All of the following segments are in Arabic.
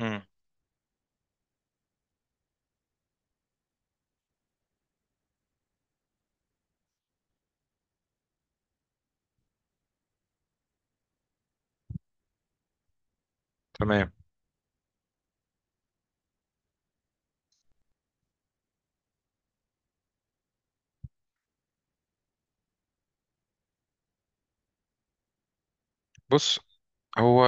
امم. تمام. بص، هو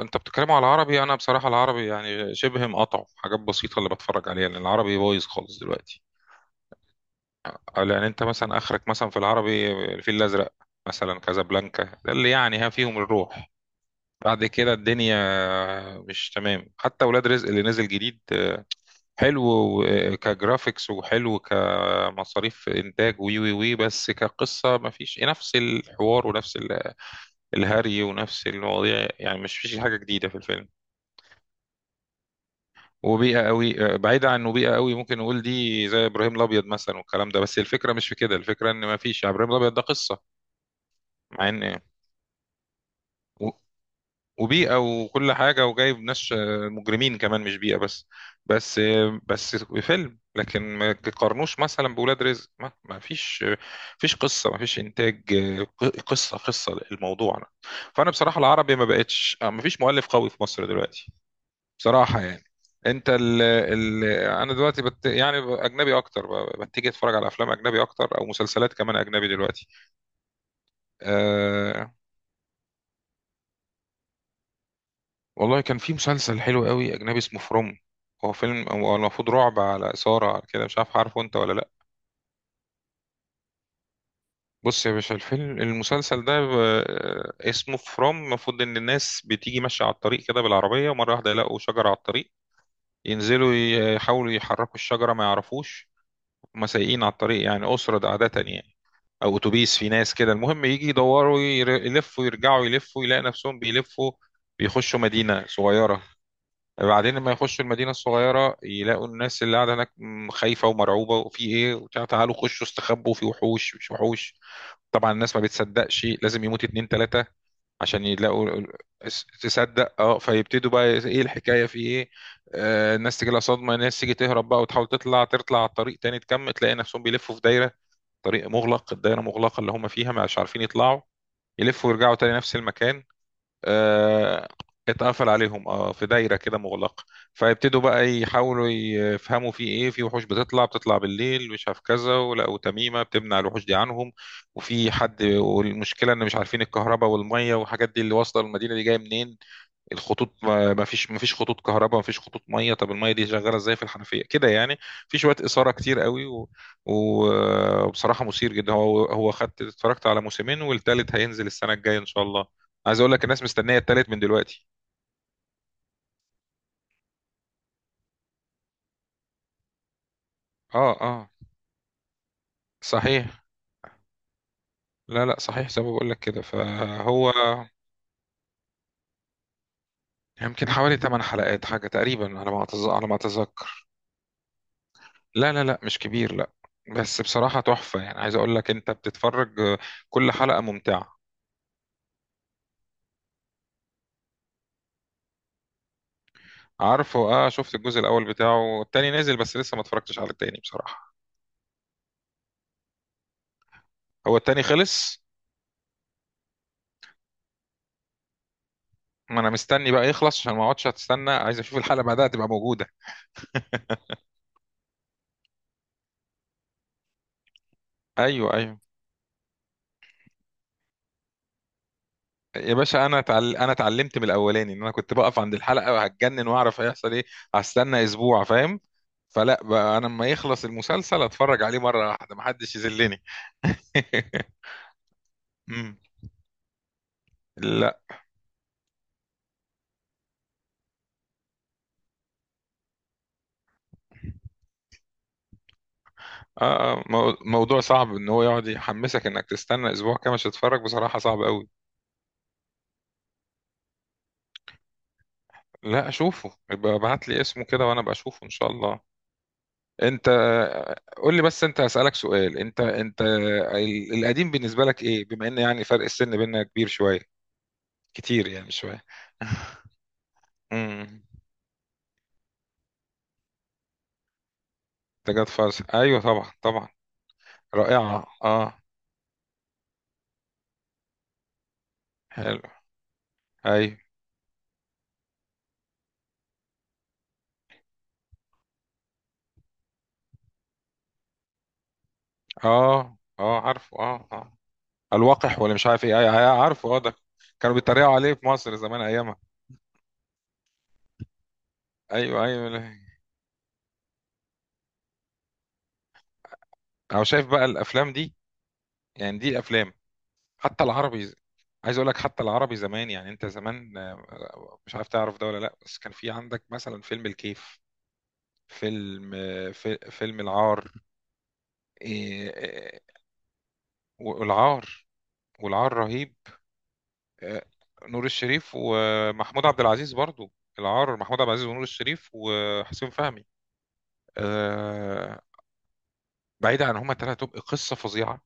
انت بتتكلم على العربي، انا بصراحه العربي يعني شبه مقطعه في حاجات بسيطه اللي بتفرج عليها، لان العربي بايظ خالص دلوقتي. لان انت مثلا اخرك مثلا في العربي الفيل الازرق، مثلا كازابلانكا، ده اللي يعني ها فيهم الروح. بعد كده الدنيا مش تمام، حتى ولاد رزق اللي نزل جديد حلو كجرافيكس، وحلو كمصاريف انتاج، وي وي وي، بس كقصه مفيش نفس الحوار ونفس الهري ونفس المواضيع، يعني مش فيش حاجه جديده في الفيلم. وبيئه قوي بعيده عن، وبيئه قوي ممكن نقول دي زي ابراهيم الابيض مثلا والكلام ده، بس الفكره مش في كده، الفكره ان ما فيش يعني ابراهيم الابيض ده قصه، مع ان و- وبيئه وكل حاجه وجايب ناس مجرمين كمان، مش بيئه بس، بس فيلم، لكن ما تقارنوش مثلا بولاد رزق. ما فيش فيش قصه، ما فيش انتاج قصه الموضوع. فانا بصراحه العربي ما بقتش ما فيش مؤلف قوي في مصر دلوقتي. بصراحة يعني. انت ال ال انا دلوقتي يعني اجنبي اكتر، بتيجي اتفرج على افلام اجنبي اكتر، او مسلسلات كمان اجنبي دلوقتي. أه، والله كان في مسلسل حلو قوي اجنبي اسمه فروم. هو فيلم، هو المفروض رعب، على اثارة، على كده، مش عارف، عارفه انت ولا لا؟ بص يا باشا، الفيلم المسلسل ده اسمه فروم. المفروض ان الناس بتيجي ماشية على الطريق كده بالعربية، ومرة واحدة يلاقوا شجرة على الطريق، ينزلوا يحاولوا يحركوا الشجرة ما يعرفوش. هما سايقين على الطريق يعني أسرة عادة يعني، او اتوبيس في ناس كده، المهم يجي يدوروا، يلفوا يرجعوا يلفوا يلاقي نفسهم بيلفوا، بيخشوا مدينة صغيرة. بعدين لما يخشوا المدينة الصغيرة يلاقوا الناس اللي قاعدة هناك، خايفة ومرعوبة وفي ايه وبتاع، تعالوا خشوا استخبوا، في وحوش، مش وحوش. طبعا الناس ما بتصدقش، لازم يموت اتنين تلاتة عشان يلاقوا تصدق، اه. فيبتدوا بقى ايه، إيه الحكاية، في ايه. الناس تجي لها صدمة، الناس تيجي تهرب بقى وتحاول تطلع، تطلع على الطريق تاني تكمل، تلاقي نفسهم بيلفوا في دايرة، طريق مغلق، الدائرة مغلقة اللي هم فيها، مش عارفين يطلعوا، يلفوا ويرجعوا تاني نفس المكان. آه، اتقفل عليهم، اه، في دايرة كده مغلقة. فيبتدوا بقى يحاولوا يفهموا في ايه، في وحوش بتطلع بالليل مش عارف كذا، ولقوا تميمة بتمنع الوحوش دي عنهم، وفي حد، والمشكلة ان مش عارفين الكهرباء والمية والحاجات دي اللي واصلة المدينة دي جاية منين. الخطوط ما فيش خطوط كهرباء، ما فيش خطوط ميه، طب الميه دي شغاله ازاي في الحنفيه كده يعني. في شويه اثاره كتير قوي وبصراحه مثير جدا. هو اتفرجت على موسمين، والتالت هينزل السنه الجايه ان شاء الله. عايز اقول لك الناس مستنيه التالت من دلوقتي. اه، اه، صحيح. لا لا، صحيح، زي ما بقول لك كده، فهو يمكن حوالي 8 حلقات حاجه تقريبا، على ما على ما اتذكر. لا لا لا، مش كبير، لا. بس بصراحه تحفه، يعني عايز اقول لك انت بتتفرج كل حلقه ممتعه. عارفه، اه، شفت الجزء الاول بتاعه، التاني نازل بس لسه ما اتفرجتش على التاني بصراحه. هو التاني خلص؟ ما انا مستني بقى يخلص عشان ما اقعدش استنى، عايز اشوف الحلقه بعدها تبقى موجوده. ايوه، ايوه. يا باشا انا انا اتعلمت من الاولاني ان انا كنت بقف عند الحلقه وهتجنن واعرف هيحصل ايه. هستنى اسبوع؟ فاهم؟ فلا بقى، انا لما يخلص المسلسل اتفرج عليه مره واحده، ما حدش يذلني. مم. لا. آه، آه، موضوع صعب ان هو يقعد يحمسك انك تستنى اسبوع كامل عشان تتفرج، بصراحه صعب قوي. لا، اشوفه يبقى ابعت لي اسمه كده وانا بشوفه ان شاء الله. انت، قول لي بس، انت هسألك سؤال، انت انت القديم بالنسبة لك ايه بما ان يعني فرق السن بيننا كبير شوية؟ كتير يعني، مش شوية. امم ده جاد فاز، ايوه طبعا طبعا. رائعة، اه. حلو. ايوه. اه، اه، عارفه، اه، اه. الوقح ولا مش عارف ايه؟ ايوه، أيوة، عارفه، اه، ده كانوا بيتريقوا عليه في مصر زمان ايامها. ايوه، ايوه، لا. انا شايف بقى الافلام دي، يعني دي افلام. حتى العربي، عايز اقول لك حتى العربي زمان، يعني انت زمان مش عارف تعرف ده ولا لا، بس كان في عندك مثلا فيلم الكيف، فيلم في فيلم العار. إيه، آه، والعار، والعار رهيب. آه، نور الشريف ومحمود عبد العزيز برضو. العار، محمود عبد العزيز ونور الشريف وحسين فهمي. آه، بعيدا عن هما تلاتة تبقى قصة فظيعة.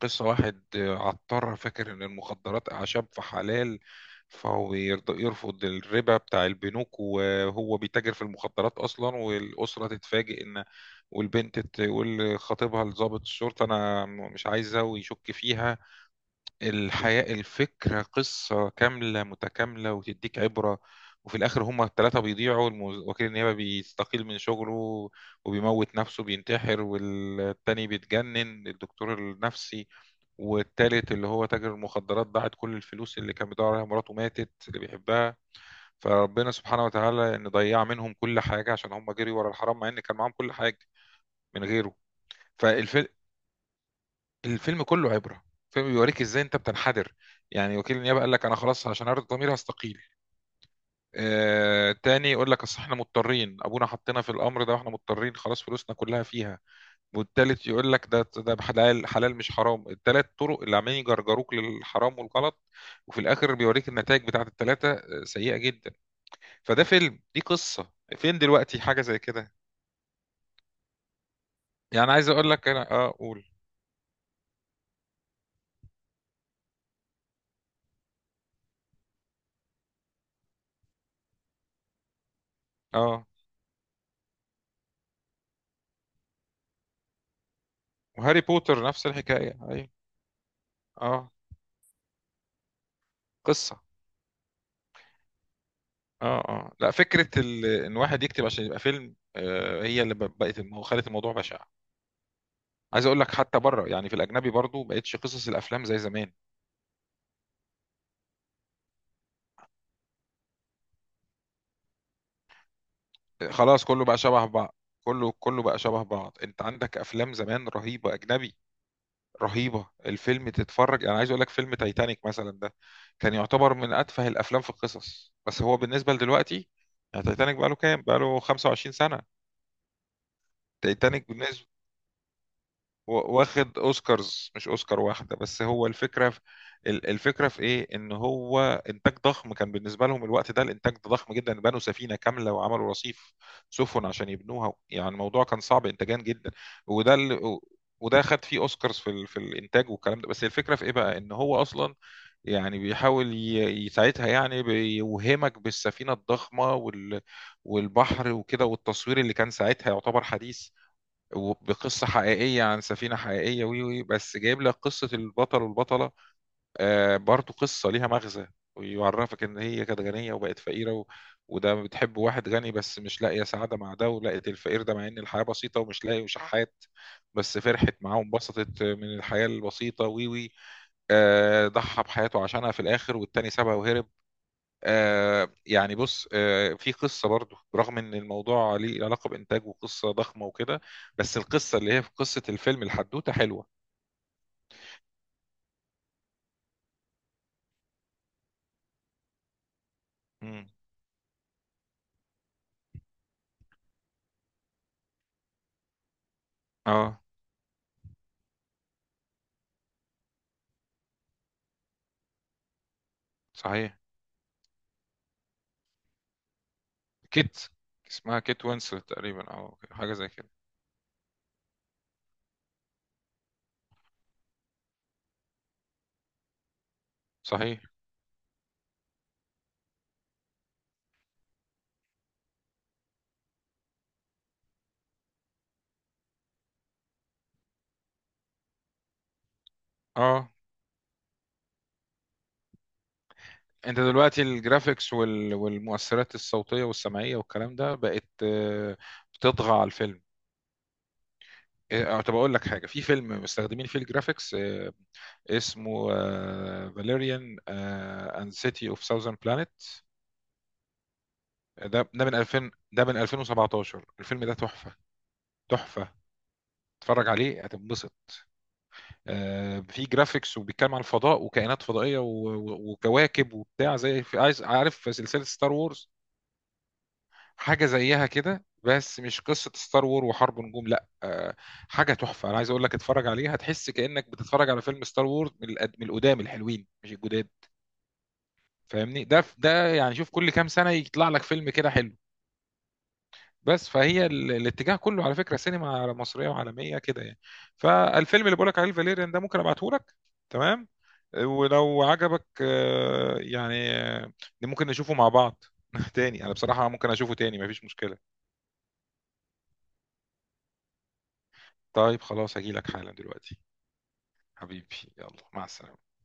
قصة واحد عطار فاكر إن المخدرات أعشاب فحلال، فهو يرفض الربا بتاع البنوك وهو بيتاجر في المخدرات أصلا، والأسرة تتفاجئ إن، والبنت تقول لخطيبها لضابط الشرطة، أنا مش عايزة، ويشك فيها. الحياة، الفكرة، قصة كاملة متكاملة وتديك عبرة. وفي الآخر هما الثلاثة بيضيعوا، وكيل النيابة بيستقيل من شغله وبيموت نفسه بينتحر، والتاني بيتجنن الدكتور النفسي، والتالت اللي هو تاجر المخدرات ضاعت كل الفلوس اللي كان بيدور عليها، مراته ماتت اللي بيحبها. فربنا سبحانه وتعالى ان ضيع منهم كل حاجة، عشان هم جري ورا الحرام مع ان كان معاهم كل حاجة من غيره. فالف... الفيلم كله عبره، الفيلم بيوريك ازاي انت بتنحدر. يعني وكيل النيابه قال لك انا خلاص عشان ارضي ضميري هستقيل، تاني يقول لك اصل احنا مضطرين ابونا حطينا في الامر ده واحنا مضطرين خلاص فلوسنا كلها فيها، والتالت يقول لك ده حلال، حلال مش حرام. التلات طرق اللي عمالين يجرجروك للحرام والغلط، وفي الاخر بيوريك النتائج بتاعت التلاته سيئه جدا. فده فيلم، دي قصه. فين دلوقتي حاجه زي كده؟ يعني عايز اقول لك انا، اه، قول. اه، وهاري بوتر نفس الحكايه، ايوه. اه، قصه. اه، اه، لا، فكره ان واحد يكتب عشان يبقى فيلم، هي اللي بقت خلت الموضوع بشع. عايز اقول لك حتى بره، يعني في الاجنبي برضو بقتش قصص الافلام زي زمان. آه، خلاص كله بقى شبه بعض، كله كله بقى شبه بعض. انت عندك افلام زمان رهيبه اجنبي، رهيبه الفيلم تتفرج. انا عايز اقول لك فيلم تايتانيك مثلا ده كان يعتبر من اتفه الافلام في القصص، بس هو بالنسبه لدلوقتي، يعني تايتانيك بقى له كام، بقى له 25 سنه. تايتانيك بالنسبه، واخد اوسكارز مش اوسكار واحده بس، هو الفكره في الفكره في ايه، ان هو انتاج ضخم كان بالنسبه لهم الوقت ده، الانتاج ده ضخم جدا، بنوا سفينه كامله وعملوا رصيف سفن عشان يبنوها، يعني الموضوع كان صعب انتاجيا جدا. وده اللي، وده خد فيه اوسكارز في في الانتاج والكلام ده، بس الفكره في ايه بقى، ان هو اصلا يعني بيحاول يساعدها، يعني بيوهمك بالسفينة الضخمة والبحر وكده، والتصوير اللي كان ساعتها يعتبر حديث، وبقصة حقيقية عن سفينة حقيقية وي وي، بس جايب لك قصة البطل والبطلة، برضو قصة ليها مغزى، ويعرفك ان هي كانت غنية وبقت فقيرة وده بتحب واحد غني بس مش لاقية سعادة مع ده، ولقيت الفقير ده مع ان الحياة بسيطة ومش لاقي وشحات، بس فرحت معاه وانبسطت من الحياة البسيطة وي وي. ضحى بحياته عشانها في الاخر، والتاني سابها وهرب. بص، في قصة برضو، رغم ان الموضوع ليه علاقة بإنتاج وقصة ضخمة وكده، بس القصة اللي هي في قصة الفيلم الحدوتة حلوة. مم. اه، صحيح. كيت، اسمها كيت وينسلت تقريبا او حاجة زي كده. صحيح، اه. انت دلوقتي الجرافيكس والمؤثرات الصوتية والسمعية والكلام ده بقت بتطغى على الفيلم. آه، طب اقول لك حاجه، في فيلم مستخدمين فيه الجرافيكس اسمه فاليريان اند سيتي اوف ساوزرن بلانيت. ده من 2017، الفيلم ده تحفة. تحفة، اتفرج عليه هتنبسط. في جرافيكس، وبيتكلم عن الفضاء وكائنات فضائية وكواكب وبتاع، زي في عايز عارف، في سلسلة ستار وورز حاجة زيها كده، بس مش قصة ستار وور وحرب نجوم، لا، حاجة تحفة. انا عايز اقول لك اتفرج عليها هتحس كأنك بتتفرج على فيلم ستار وورز من من القدام الحلوين مش الجداد. فاهمني؟ ده ده يعني، شوف، كل كام سنة يطلع لك فيلم كده حلو، بس فهي الاتجاه كله على فكرة سينما مصرية وعالمية كده يعني. فالفيلم اللي بقولك عليه الفاليريان ده ممكن ابعته لك. تمام. ولو عجبك ممكن نشوفه مع بعض. تاني انا بصراحة ممكن اشوفه تاني، مفيش مشكلة. طيب خلاص، هجيلك حالا دلوقتي. حبيبي، يلا، مع السلامة.